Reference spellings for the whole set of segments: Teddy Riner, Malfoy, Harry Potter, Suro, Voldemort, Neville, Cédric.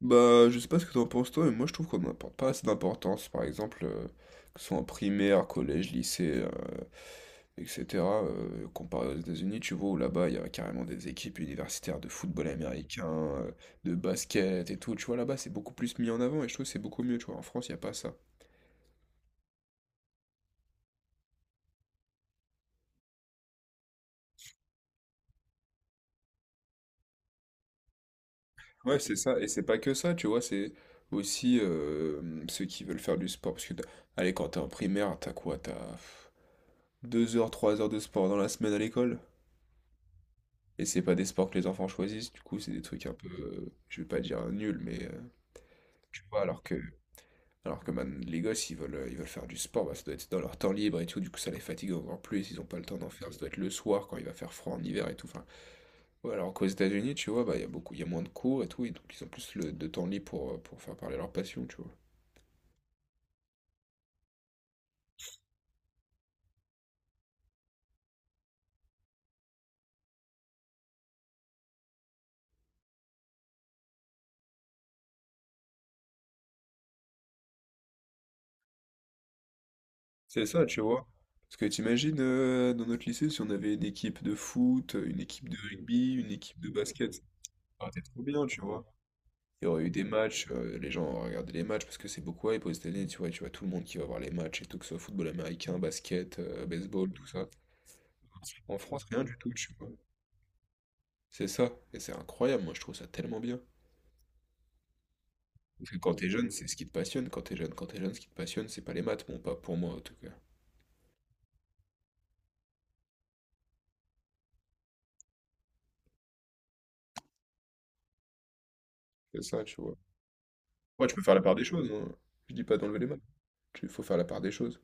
Bah, je sais pas ce que t'en penses toi, mais moi je trouve qu'on n'apporte pas assez d'importance. Par exemple, que ce soit en primaire, collège, lycée, etc. Comparé aux États-Unis, tu vois, où là-bas il y a carrément des équipes universitaires de football américain, de basket et tout. Tu vois, là-bas c'est beaucoup plus mis en avant et je trouve que c'est beaucoup mieux. Tu vois, en France il n'y a pas ça. Ouais, c'est ça, et c'est pas que ça, tu vois, c'est aussi ceux qui veulent faire du sport. Parce que, allez, quand t'es en primaire, t'as quoi? T'as 2 heures, 3 heures de sport dans la semaine à l'école? Et c'est pas des sports que les enfants choisissent, du coup, c'est des trucs un peu, je vais pas dire nuls, mais tu vois, alors que man, les gosses, ils veulent, ils veulent faire du sport, bah, ça doit être dans leur temps libre et tout, du coup, ça les fatigue encore plus, ils ont pas le temps d'en faire, ça doit être le soir quand il va faire froid en hiver et tout. Enfin, ouais, alors qu'aux États-Unis, tu vois, bah, il y a beaucoup, il y a moins de cours et tout, et donc ils ont plus de temps libre pour, faire parler leur passion, tu vois. C'est ça, tu vois. Parce que t'imagines, dans notre lycée, si on avait une équipe de foot, une équipe de rugby, une équipe de basket, ça aurait été trop bien, tu vois. Il y aurait eu des matchs, les gens auraient regardé les matchs parce que c'est beaucoup hype aux États-Unis, tu vois, tout le monde qui va voir les matchs et tout, que ce soit football américain, basket, baseball, tout ça. En France, rien du tout, tu vois. C'est ça, et c'est incroyable, moi je trouve ça tellement bien. Parce que quand t'es jeune, c'est ce qui te passionne, ce qui te passionne, c'est pas les maths, bon, pas pour moi en tout cas. C'est ça, tu vois. Ouais, tu peux faire la part des choses, hein. Je dis pas d'enlever les maths, il faut faire la part des choses.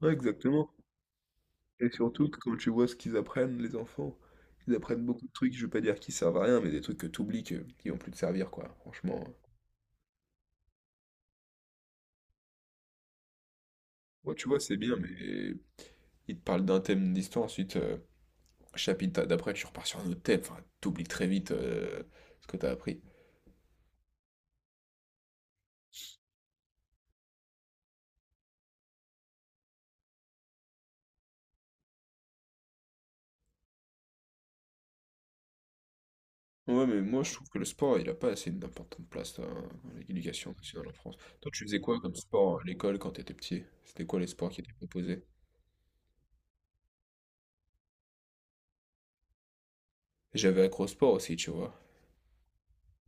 Ouais, exactement. Et surtout que quand tu vois ce qu'ils apprennent, les enfants, ils apprennent beaucoup de trucs, je veux pas dire qu'ils servent à rien, mais des trucs que t'oublies, qui vont plus te servir, quoi. Franchement. Ouais, tu vois, c'est bien, mais ils te parlent d'un thème d'histoire, ensuite, chapitre d'après, tu repars sur un autre thème. Enfin, t'oublies très vite ce que t'as appris. Ouais, mais moi, je trouve que le sport, il a pas assez d'importante place dans l'éducation nationale en France. Toi, tu faisais quoi comme sport à l'école quand t'étais petit? C'était quoi les sports qui étaient proposés? J'avais accro au sport aussi, tu vois.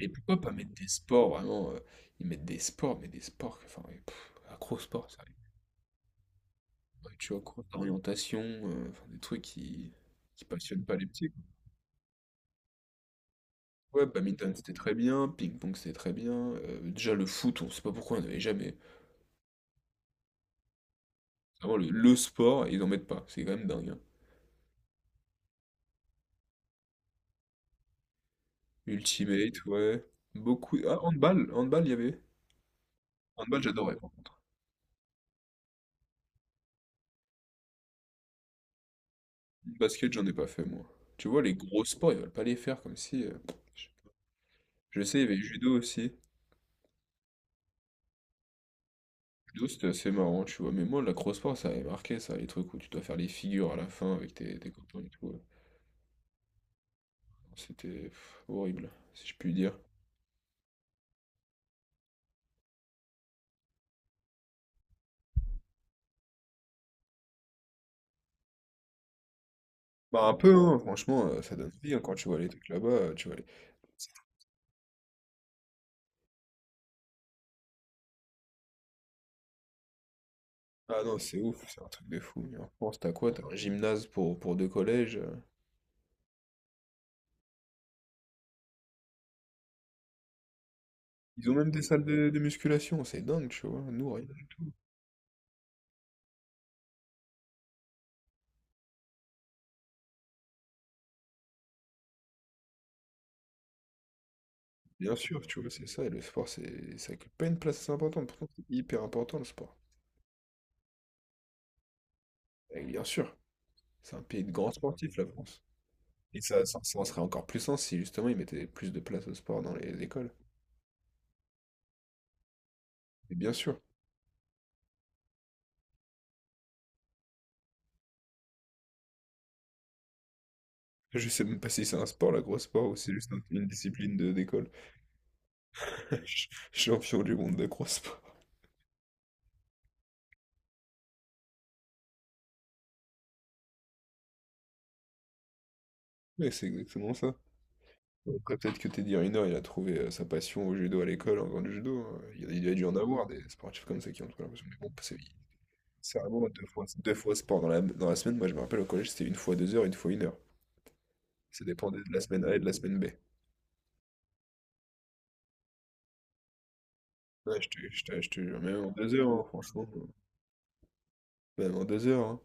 Et pourquoi pas mettre des sports, vraiment, ils mettent des sports, mais des sports, enfin, ouais, acro-sport, ça. Ouais, tu vois, cours d'orientation, enfin, des trucs qui passionnent pas les petits, quoi. Ouais, badminton, c'était très bien, ping-pong, c'était très bien. Déjà, le foot, on sait pas pourquoi on n'avait jamais. Vraiment, le sport, ils en mettent pas, c'est quand même dingue, hein. Ultimate, ouais. Beaucoup. Ah, handball, handball, il y avait. Handball, j'adorais, par contre. Basket, j'en ai pas fait, moi. Tu vois, les gros sports, ils veulent pas les faire, comme si. Je sais, il y avait judo aussi. D'où c'était assez marrant, tu vois. Mais moi, la crossfit, ça avait marqué, ça, les trucs où tu dois faire les figures à la fin avec tes copains et tout. C'était horrible, si je puis dire. Bah un peu, hein, franchement, ça donne vie hein, quand tu vois les trucs là-bas, tu vois les. Ah non, c'est ouf, c'est un truc de fou. Mais en France, t'as quoi? T'as un gymnase pour, deux collèges. Ils ont même des salles de musculation, c'est dingue, tu vois. Nous, rien du tout. Bien sûr, tu vois, c'est ça, et le sport, ça occupe pas une place assez importante. Pourtant, c'est hyper important le sport. Et bien sûr, c'est un pays de grands sportifs, la France. Et ça en serait encore plus sens si justement ils mettaient plus de place au sport dans les écoles. Et bien sûr, je sais même pas si c'est un sport, la grosse sport ou c'est juste une discipline d'école. Champion du monde de d'accro-sport. Mais c'est exactement ça. Après, peut-être que Teddy Riner, il a trouvé sa passion au judo à l'école en faisant du judo, hein. Il y a dû en avoir des sportifs comme ça qui ont trouvé leur passion. Mais bon, c'est vraiment deux fois sport dans la semaine. Moi, je me rappelle au collège, c'était une fois deux heures, une fois une heure. Ça dépendait de la semaine A et de la semaine B. Ouais, je te jure, même en deux heures, hein, franchement. Même en deux heures, hein.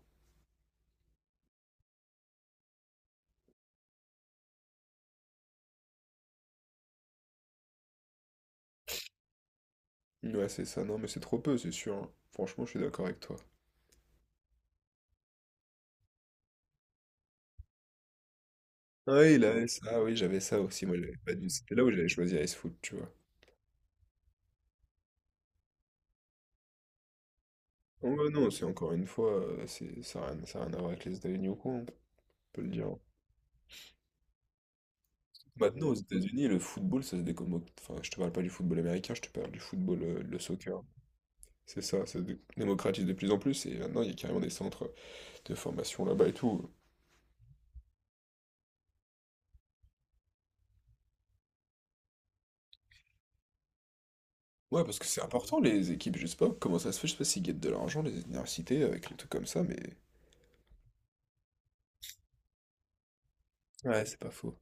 Ouais, c'est ça. Non, mais c'est trop peu, c'est sûr, hein. Franchement, je suis d'accord avec toi. Ah oui, il avait ça. Ah oui, j'avais ça aussi. Moi, j'avais pas dû. C'était là où j'avais choisi Ice Foot, tu vois. Oh, bah non, c'est encore une fois, ça a rien à voir avec les États-Unis ou quoi, hein, on peut le dire, hein. Maintenant, aux États-Unis, le football, ça se décommode. Enfin, je te parle pas du football américain, je te parle du football, le soccer. C'est ça, ça se démocratise de plus en plus. Et maintenant, il y a carrément des centres de formation là-bas et tout. Ouais, parce que c'est important, les équipes, je sais pas comment ça se fait, je sais pas s'ils guettent de l'argent, les universités, avec les trucs comme ça, mais. Ouais, c'est pas faux.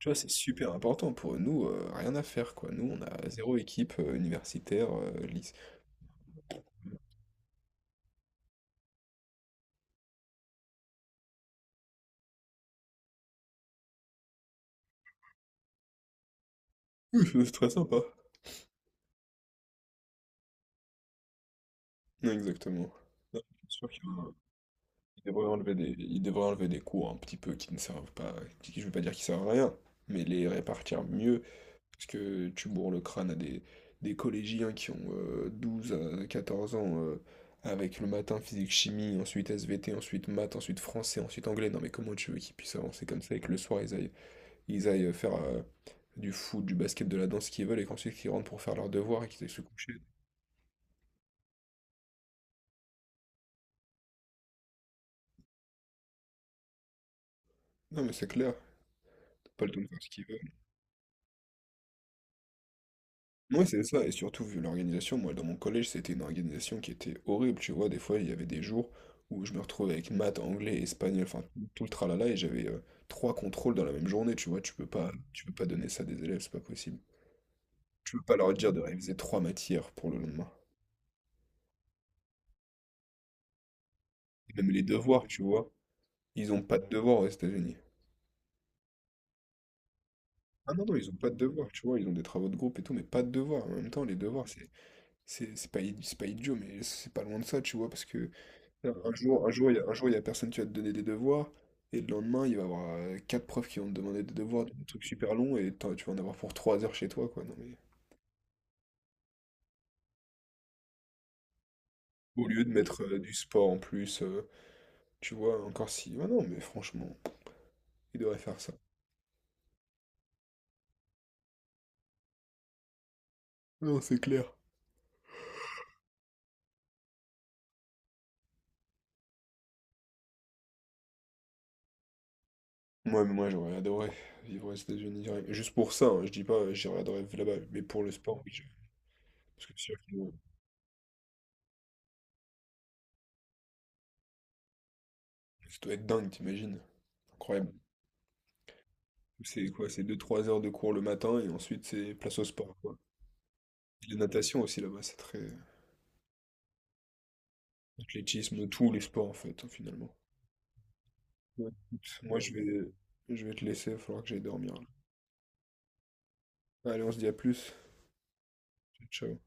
Tu vois, c'est super important pour nous, rien à faire quoi. Nous, on a zéro équipe universitaire, lycée. Oui, c'est très sympa. Non, exactement. Non, je suis sûr qu'il y en a un. Il devrait enlever des cours un petit peu qui ne servent pas, je veux pas dire qui servent à rien, mais les répartir mieux, parce que tu bourres le crâne à des collégiens qui ont 12 à 14 ans, avec le matin physique chimie, ensuite SVT, ensuite maths, ensuite français, ensuite anglais. Non, mais comment tu veux qu'ils puissent avancer comme ça et que le soir ils aillent faire du foot, du basket, de la danse, ce qu'ils veulent, et qu'ensuite qu'ils rentrent pour faire leurs devoirs et qu'ils aillent se coucher. Non, mais c'est clair, t'as pas le temps de faire ce qu'ils veulent. Moi, c'est ça, et surtout, vu l'organisation, moi, dans mon collège, c'était une organisation qui était horrible, tu vois. Des fois, il y avait des jours où je me retrouvais avec maths, anglais, espagnol, enfin, tout tout le tralala, et j'avais trois contrôles dans la même journée, tu vois. Tu peux pas donner ça à des élèves, c'est pas possible. Tu peux pas leur dire de réviser trois matières pour le lendemain. Et même les devoirs, tu vois. Ils ont pas de devoirs aux États-Unis. Ah non, non, ils ont pas de devoirs, tu vois, ils ont des travaux de groupe et tout, mais pas de devoirs. En même temps, les devoirs, c'est pas idiot, mais c'est pas loin de ça, tu vois, parce que un un jour, il y a personne qui va te donner des devoirs, et le lendemain, il va y avoir quatre profs qui vont te demander des devoirs, des trucs super longs, et tu vas en avoir pour trois heures chez toi, quoi. Non, mais. Au lieu de mettre du sport en plus, tu vois, encore si. Ah non, mais franchement, ils devraient faire ça. Non, c'est clair. Mais moi, j'aurais adoré vivre aux États-Unis, juste pour ça, hein, je dis pas, j'aurais adoré vivre là-bas, mais pour le sport, oui, parce que si. Ça doit être dingue, t'imagines? Incroyable. C'est quoi? C'est deux trois heures de cours le matin et ensuite c'est place au sport, quoi. Et la natation aussi là-bas, c'est très. Athlétisme, tous les sports en fait, hein, finalement. Ouais. Écoute, moi je vais te laisser, il faudra que j'aille dormir là. Allez, on se dit à plus. Ciao.